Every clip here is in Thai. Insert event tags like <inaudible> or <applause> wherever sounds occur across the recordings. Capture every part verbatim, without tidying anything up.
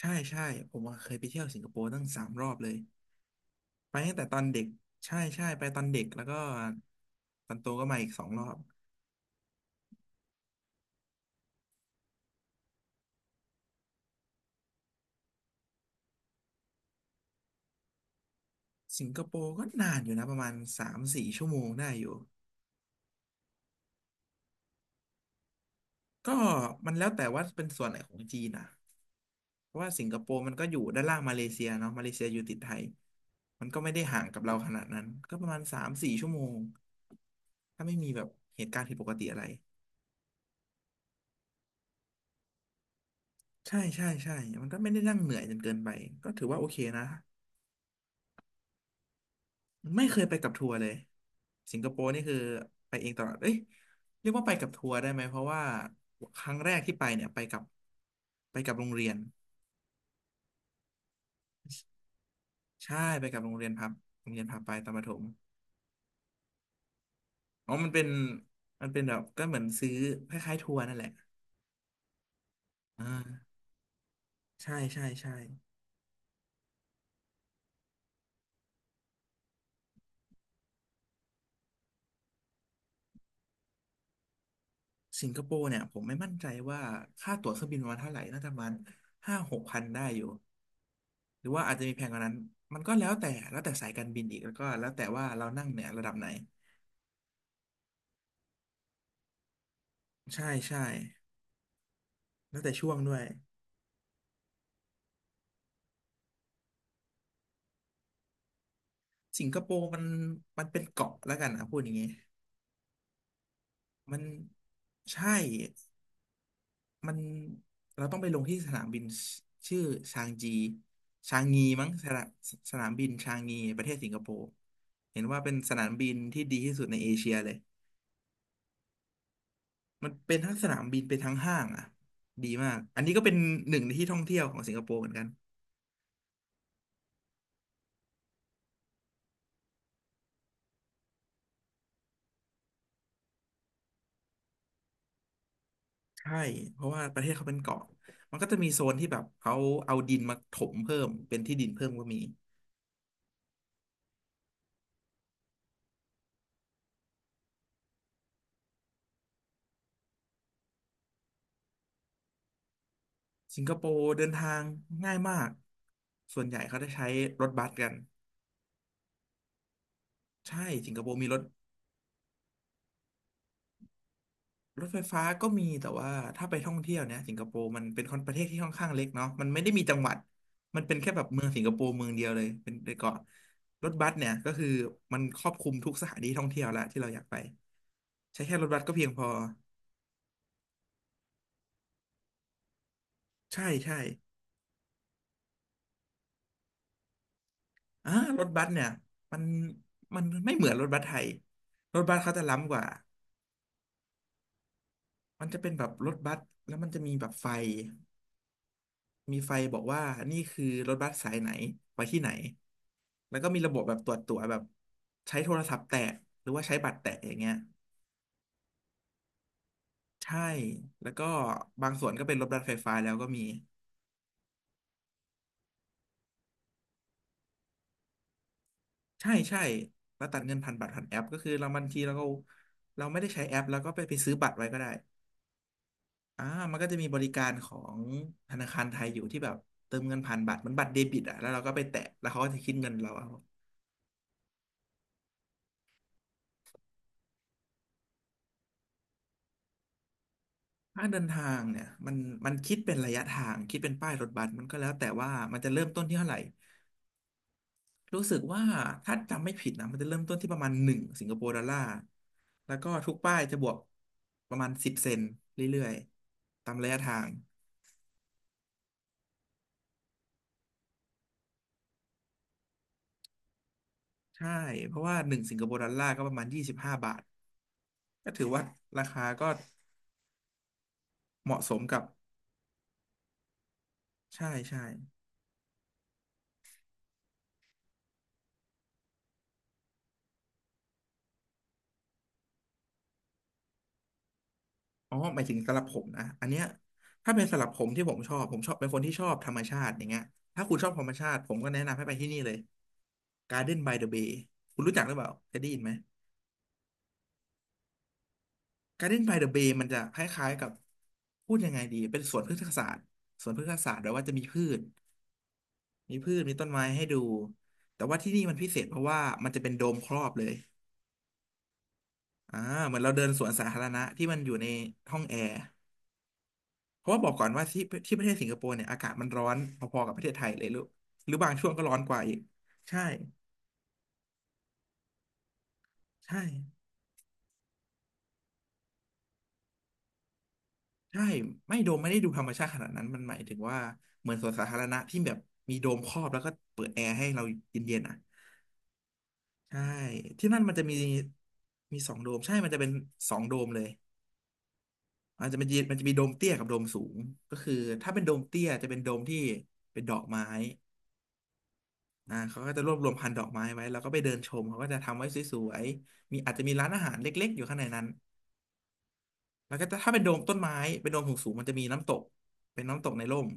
ใช่ใช่ผมอะเคยไปเที่ยวสิงคโปร์ตั้งสามรอบเลยไปตั้งแต่ตอนเด็กใช่ใช่ไปตอนเด็กแล้วก็ตอนโตก็มาอีกสองรอบสิงคโปร์ก็นานอยู่นะประมาณสามสี่ชั่วโมงได้อยู่ก็มันแล้วแต่ว่าเป็นส่วนไหนของจีนนะเพราะว่าสิงคโปร์มันก็อยู่ด้านล่างมาเลเซียเนาะมาเลเซียอยู่ติดไทยมันก็ไม่ได้ห่างกับเราขนาดนั้นก็ประมาณสามสี่ชั่วโมงถ้าไม่มีแบบเหตุการณ์ผิดปกติอะไรใช่ใช่ใช่มันก็ไม่ได้นั่งเหนื่อยจนเกินไปก็ถือว่าโอเคนะ ไม่เคยไปกับทัวร์เลยสิงคโปร์นี่คือไปเองตลอดเอ้ยเรียกว่าไปกับทัวร์ได้ไหมเพราะว่าครั้งแรกที่ไปเนี่ยไปกับไปกับโรงเรียนใช่ไปกับโรงเรียนพบโรงเรียนพบไปตอนประถมอ๋อมันเป็นมันเป็นแบบก็เหมือนซื้อคล้ายๆทัวร์นั่นแหละอ่าใช่ใช่ใช่สิงคโปร์เนี่ยผมไม่มั่นใจว่าค่าตั๋วเครื่องบินประมาณเท่าไหร่น่าจะประมาณห้าหกพันได้อยู่หรือว่าอาจจะมีแพงกว่านั้นมันก็แล้วแต่แล้วแต่สายการบินอีกแล้วก็แล้วแต่ว่าเรานั่งเนี่ยระดับไหน ใช่ใช่แล้วแต่ช่วงด้วยสิงคโปร์มันมันเป็นเกาะแล้วกันนะพูดอย่างงี้มันใช่มันเราต้องไปลงที่สนามบินชชื่อชางจีชางงีมั้งสนามสนามบินชางงีประเทศสิงคโปร์เห็นว่าเป็นสนามบินที่ดีที่สุดในเอเชียเลยมันเป็นทั้งสนามบินเป็นทั้งห้างอ่ะดีมากอันนี้ก็เป็นหนึ่งในที่ท่องเที่ยวของสิงคโปร์เหมือนกัน ใช่เพราะว่าประเทศเขาเป็นเกาะมันก็จะมีโซนที่แบบเขาเอาดินมาถมเพิ่มเป็นที่ดินเพิ่มก็มีสิงคโปร์เดินทางง่ายมากส่วนใหญ่เขาจะใช้รถบัสกัน ใช่สิงคโปร์มีรถรถไฟฟ้าก็มีแต่ว่าถ้าไปท่องเที่ยวเนี่ยสิงคโปร์มันเป็นคนประเทศที่ค่อนข้างเล็กเนาะมันไม่ได้มีจังหวัดมันเป็นแค่แบบเมืองสิงคโปร์เมืองเดียวเลยเป็นเป็นเกาะรถบัสเนี่ยก็คือมันครอบคลุมทุกสถานที่ท่องเที่ยวละที่เราอยากไปใช้แค่รถบัสก็เพียงพอใช่ใช่ อ่ารถบัสเนี่ยมันมันไม่เหมือนรถบัสไทยรถบัสเขาจะล้ำกว่ามันจะเป็นแบบรถบัสแล้วมันจะมีแบบไฟมีไฟบอกว่านี่คือรถบัสสายไหนไปที่ไหนแล้วก็มีระบบแบบตรวจตั๋วแบบใช้โทรศัพท์แตะหรือว่าใช้บัตรแตะอย่างเงี้ยใช่แล้วก็บางส่วนก็เป็นรถบัสไฟฟ้าแล้วก็มีใช่ใช่แล้วตัดเงินผ่านบัตรผ่านแอปก็คือเราบางทีเราก็เราไม่ได้ใช้แอปแล้วก็ไปไปซื้อบัตรไว้ก็ได้ อ่ามันก็จะมีบริการของธนาคารไทยอยู่ที่แบบเติมเงินผ่านบัตรเหมันบัตรเดบิตอ่ะแล้วเราก็ไปแตะแล้วเขาก็จะคิดเงินเราเอาค่าเดินทางเนี่ยมันมันคิดเป็นระยะทางคิดเป็นป้ายรถบัสมันก็แล้วแต่ว่ามันจะเริ่มต้นที่เท่าไหร่รู้สึกว่าถ้าจำไม่ผิดนะมันจะเริ่มต้นที่ประมาณหนึ่งสิงคโปร์ดอลลาร์แล้วก็ทุกป้ายจะบวกประมาณสิบเซนต์เรื่อยๆตามระยะทางใช่เพราะว่าหนึ่งสิงคโปร์ดอลลาร์ก็ประมาณยี่สิบห้าบาทก็ถือว่าราคาก็เหมาะสมกับใช่ใช่ อ๋อหมายถึงสำหรับผมนะอันเนี้ยถ้าเป็นสำหรับผมที่ผมชอบผมชอบเป็นคนที่ชอบธรรมชาติอย่างเงี้ยถ้าคุณชอบธรรมชาติผมก็แนะนำให้ไปที่นี่เลย Garden by the Bay คุณรู้จักหรือเปล่าเคยได้ยินไหม Garden by the Bay มันจะคล้ายๆกับพูดยังไงดีเป็นสวนพฤกษศาสตร์สวนพฤกษศาสตร์แปลว่าจะมีพืชมีพืชมีต้นไม้ให้ดูแต่ว่าที่นี่มันพิเศษเพราะว่ามันจะเป็นโดมครอบเลยอ่าเหมือนเราเดินสวนสาธารณะที่มันอยู่ในห้องแอร์ เพราะว่าบอกก่อนว่าที่ที่ประเทศสิงคโปร์เนี่ยอากาศมันร้อนพอๆกับประเทศไทยเลยหรือหรือบางช่วงก็ร้อนกว่าอีกใช่ใช่ใช่ไม่โดมไม่ได้ดูธรรมชาติขนาดนั้นมันหมายถึงว่าเหมือนสวนสาธารณะที่แบบมีโดมครอบแล้วก็เปิดแอร์ให้เราเย็นๆอ่ะใช่ที่นั่นมันจะมีมีสองโดมใช่มันจะเป็นสองโดมเลยมันจะมันจะมันจะมีโดมเตี้ยกับโดมสูงก็คือถ้าเป็นโดมเตี้ยจะเป็นโดมที่เป็นดอกไม้ อ่าเขาก็จะรวบรวมพันธุ์ดอกไม้ไว้แล้วก็ไปเดินชมเขาก็จะทำไว้สวยๆมีอาจจะมีร้านอาหารเล็กๆอยู่ข้างในนั้นแล้วก็จะถ้าเป็นโดมต้นไม้เป็นโดมสูงๆมันจะมีน้ำตกเป็นน้ำตกในร่ม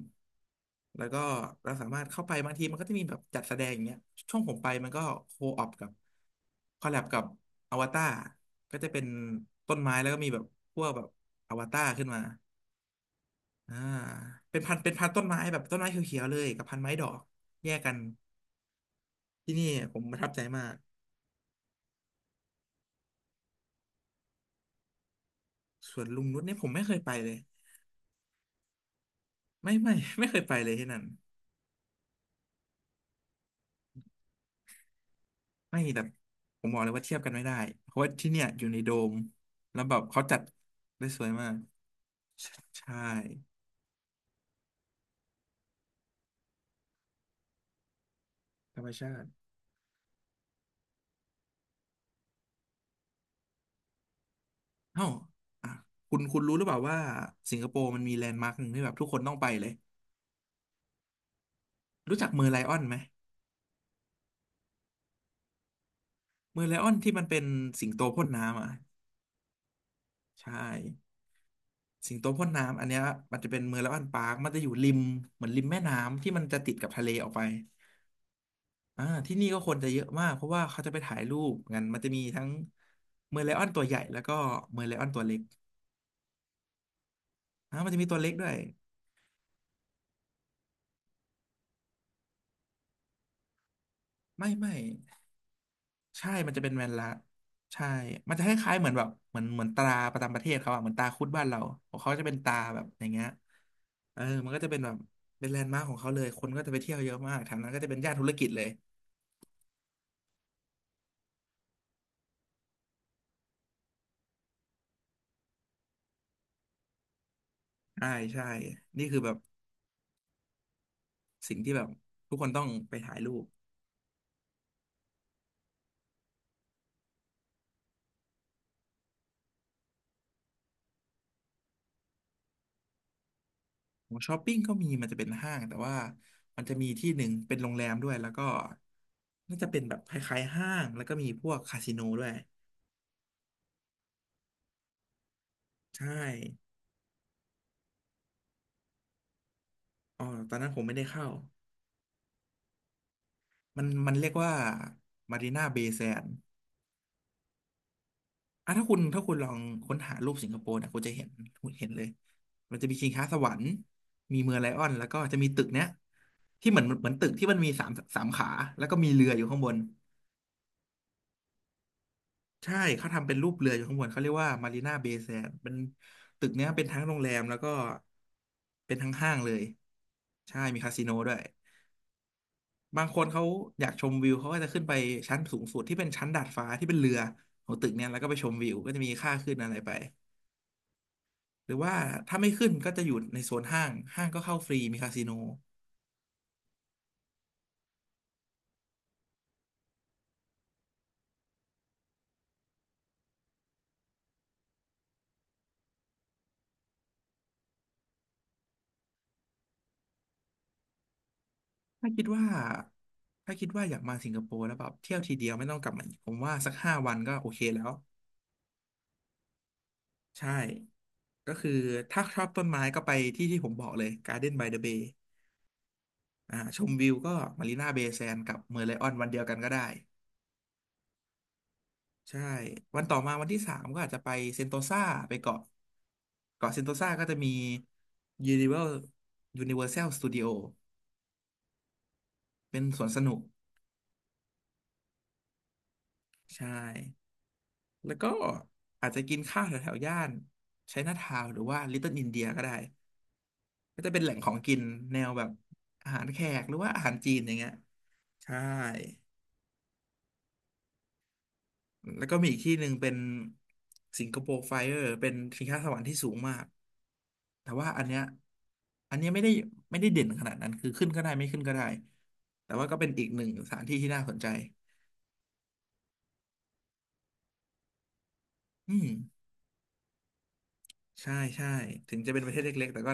แล้วก็เราสามารถเข้าไปบางทีมันก็จะมีแบบจัดแสดงอย่างเงี้ยช่วงผมไปมันก็โคออปกับคอลแลบกับอวตารก็จะเป็นต้นไม้แล้วก็มีแบบพวกแบบอวตารขึ้นมาอ่าเป็นพันเป็นพันต้นไม้แบบต้นไม้เขียวๆเลยกับพันไม้ดอกแยกกันที่นี่ผมประทับใจมาก สวนลุงนุชเนี่ยผมไม่เคยไปเลยไม่ไม่ <laughs> ไม่เคยไปเลยที่นั่นไม่แบบผมบอกเลยว่าเทียบกันไม่ได้เพราะว่าที่เนี่ยอยู่ในโดมแล้วแบบเขาจัดได้สวยมากใช่ใช่ธรรมชาติเอ้าอ่ะคุณคุณรู้หรือเปล่าว่าสิงคโปร์มันมีแลนด์มาร์คหนึ่งที่แบบทุกคนต้องไปเลยรู้จักเมอร์ไลออนไหมเมอร์ไลออนที่มันเป็นสิงโตพ่นน้ำอ่ะใช่สิงโตพ่นน้ำอันเนี้ยมันจะเป็นเมอร์ไลออนปาร์คมันจะอยู่ริมเหมือนริมแม่น้ำที่มันจะติดกับทะเลออกไป อ่าที่นี่ก็คนจะเยอะมากเพราะว่าเขาจะไปถ่ายรูปงันมันจะมีทั้งเมอร์ไลออนตัวใหญ่แล้วก็เมอร์ไลออนตัวเล็กอ่ามันจะมีตัวเล็กด้วยไม่ไม่ใช่มันจะเป็นแมนละใช่มันจะคล้ายๆเหมือนแบบเหมือนเหมือนตราประจำประเทศเขาอะเหมือนตราคุดบ้านเราของเขาจะเป็นตราแบบอย่างเงี้ยเออมันก็จะเป็นแบบเป็นแลนด์มาร์คของเขาเลยคนก็จะไปเที่ยวเยอะมากแถวนั้นก็จะเป็นย่านธุรกิจเลยใช่ใช่นี่คือแบบสิ่งที่แบบทุกคนต้องไปถ่ายรูป ของช้อปปิ้งก็มีมันจะเป็นห้างแต่ว่ามันจะมีที่หนึ่งเป็นโรงแรมด้วยแล้วก็น่าจะเป็นแบบคล้ายๆห้างแล้วก็มีพวกคาสิโนด้วยใช่อ๋อตอนนั้นผมไม่ได้เข้ามันมันเรียกว่ามารีนาเบย์แซนอ่ะถ้าคุณถ้าคุณลองค้นหารูปสิงคโปร์เนี่ยคุณจะเห็นคุณเห็นเลยมันจะมีชิงช้าสวรรค์มีเมืองไลออนแล้วก็จะมีตึกเนี้ยที่เหมือนเหมือนตึกที่มันมีสามสามขาแล้วก็มีเรืออยู่ข้างบน ใช่เขาทำเป็นรูปเรืออยู่ข้างบนเขาเรียกว่ามารีนาเบย์แซนเป็นตึกเนี้ยเป็นทั้งโรงแรมแล้วก็เป็นทั้งห้างเลยใช่มีคาสิโนด้วยบางคนเขาอยากชมวิวเขาก็จะขึ้นไปชั้นสูงสุดที่เป็นชั้นดาดฟ้าที่เป็นเรือของตึกเนี้ยแล้วก็ไปชมวิวก็จะมีค่าขึ้นอะไรไปหรือว่าถ้าไม่ขึ้นก็จะอยู่ในโซนห้างห้างก็เข้าฟรีมีคาสิโนถ้าคิดว่าถ้าคิดว่าอยากมาสิงคโปร์แล้วแบบเที่ยวทีเดียวไม่ต้องกลับมาอีกผมว่าสักห้าวันก็โอเคแล้วใช่ ก็คือถ้าชอบต้นไม้ก็ไปที่ที่ผมบอกเลย Garden by the Bay อ่าชมวิวก็มารีนาเบย์แซนกับเมอร์ไลออนวันเดียวกันก็ได้ใช่วันต่อมาวันที่สามก็อาจจะไปเซนโตซาไปเกาะเกาะเซนโตซาก็จะมี Universal Universal Studio เป็นสวนสนุกใช่แล้วก็อาจจะกินข้าวแถวๆย่านไชน่าทาวน์หรือว่าลิตเติ้ลอินเดียก็ได้ก็จะเป็นแหล่งของกินแนวแบบอาหารแขกหรือว่าอาหารจีนอย่างเงี้ยใช่ แล้วก็มีอีกที่หนึ่งเป็นสิงคโปร์ไฟเออร์เป็นชิงช้าสวรรค์ที่สูงมากแต่ว่าอันเนี้ยอันเนี้ยไม่ได้ไม่ได้เด่นขนาดนั้นคือขึ้นก็ได้ไม่ขึ้นก็ได้แต่ว่าก็เป็นอีกหนึ่งสถานที่ที่น่าสนใจอืมใช่ใช่ถึงจะเป็นประเทศเล็กๆแต่ก็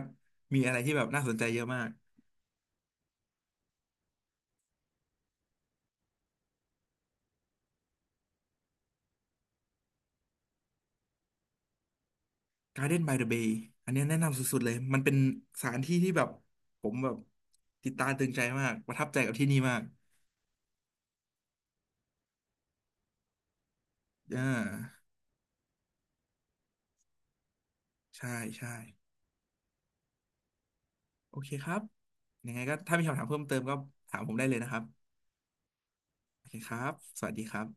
มีอะไรที่แบบน่าสนใจเยอะมาก Garden by the Bay อันเนี้ยแนะนำสุดๆเลยมันเป็นสถานที่ที่แบบผมแบบติดตาตึงใจมากประทับใจกับที่นี่มากอ่าใช่ใช่ โอเคครับยังไงก็ถ้ามีคำถามเพิ่มเติมก็ถามผมได้เลยนะครับโอเคครับสวัสดีครับ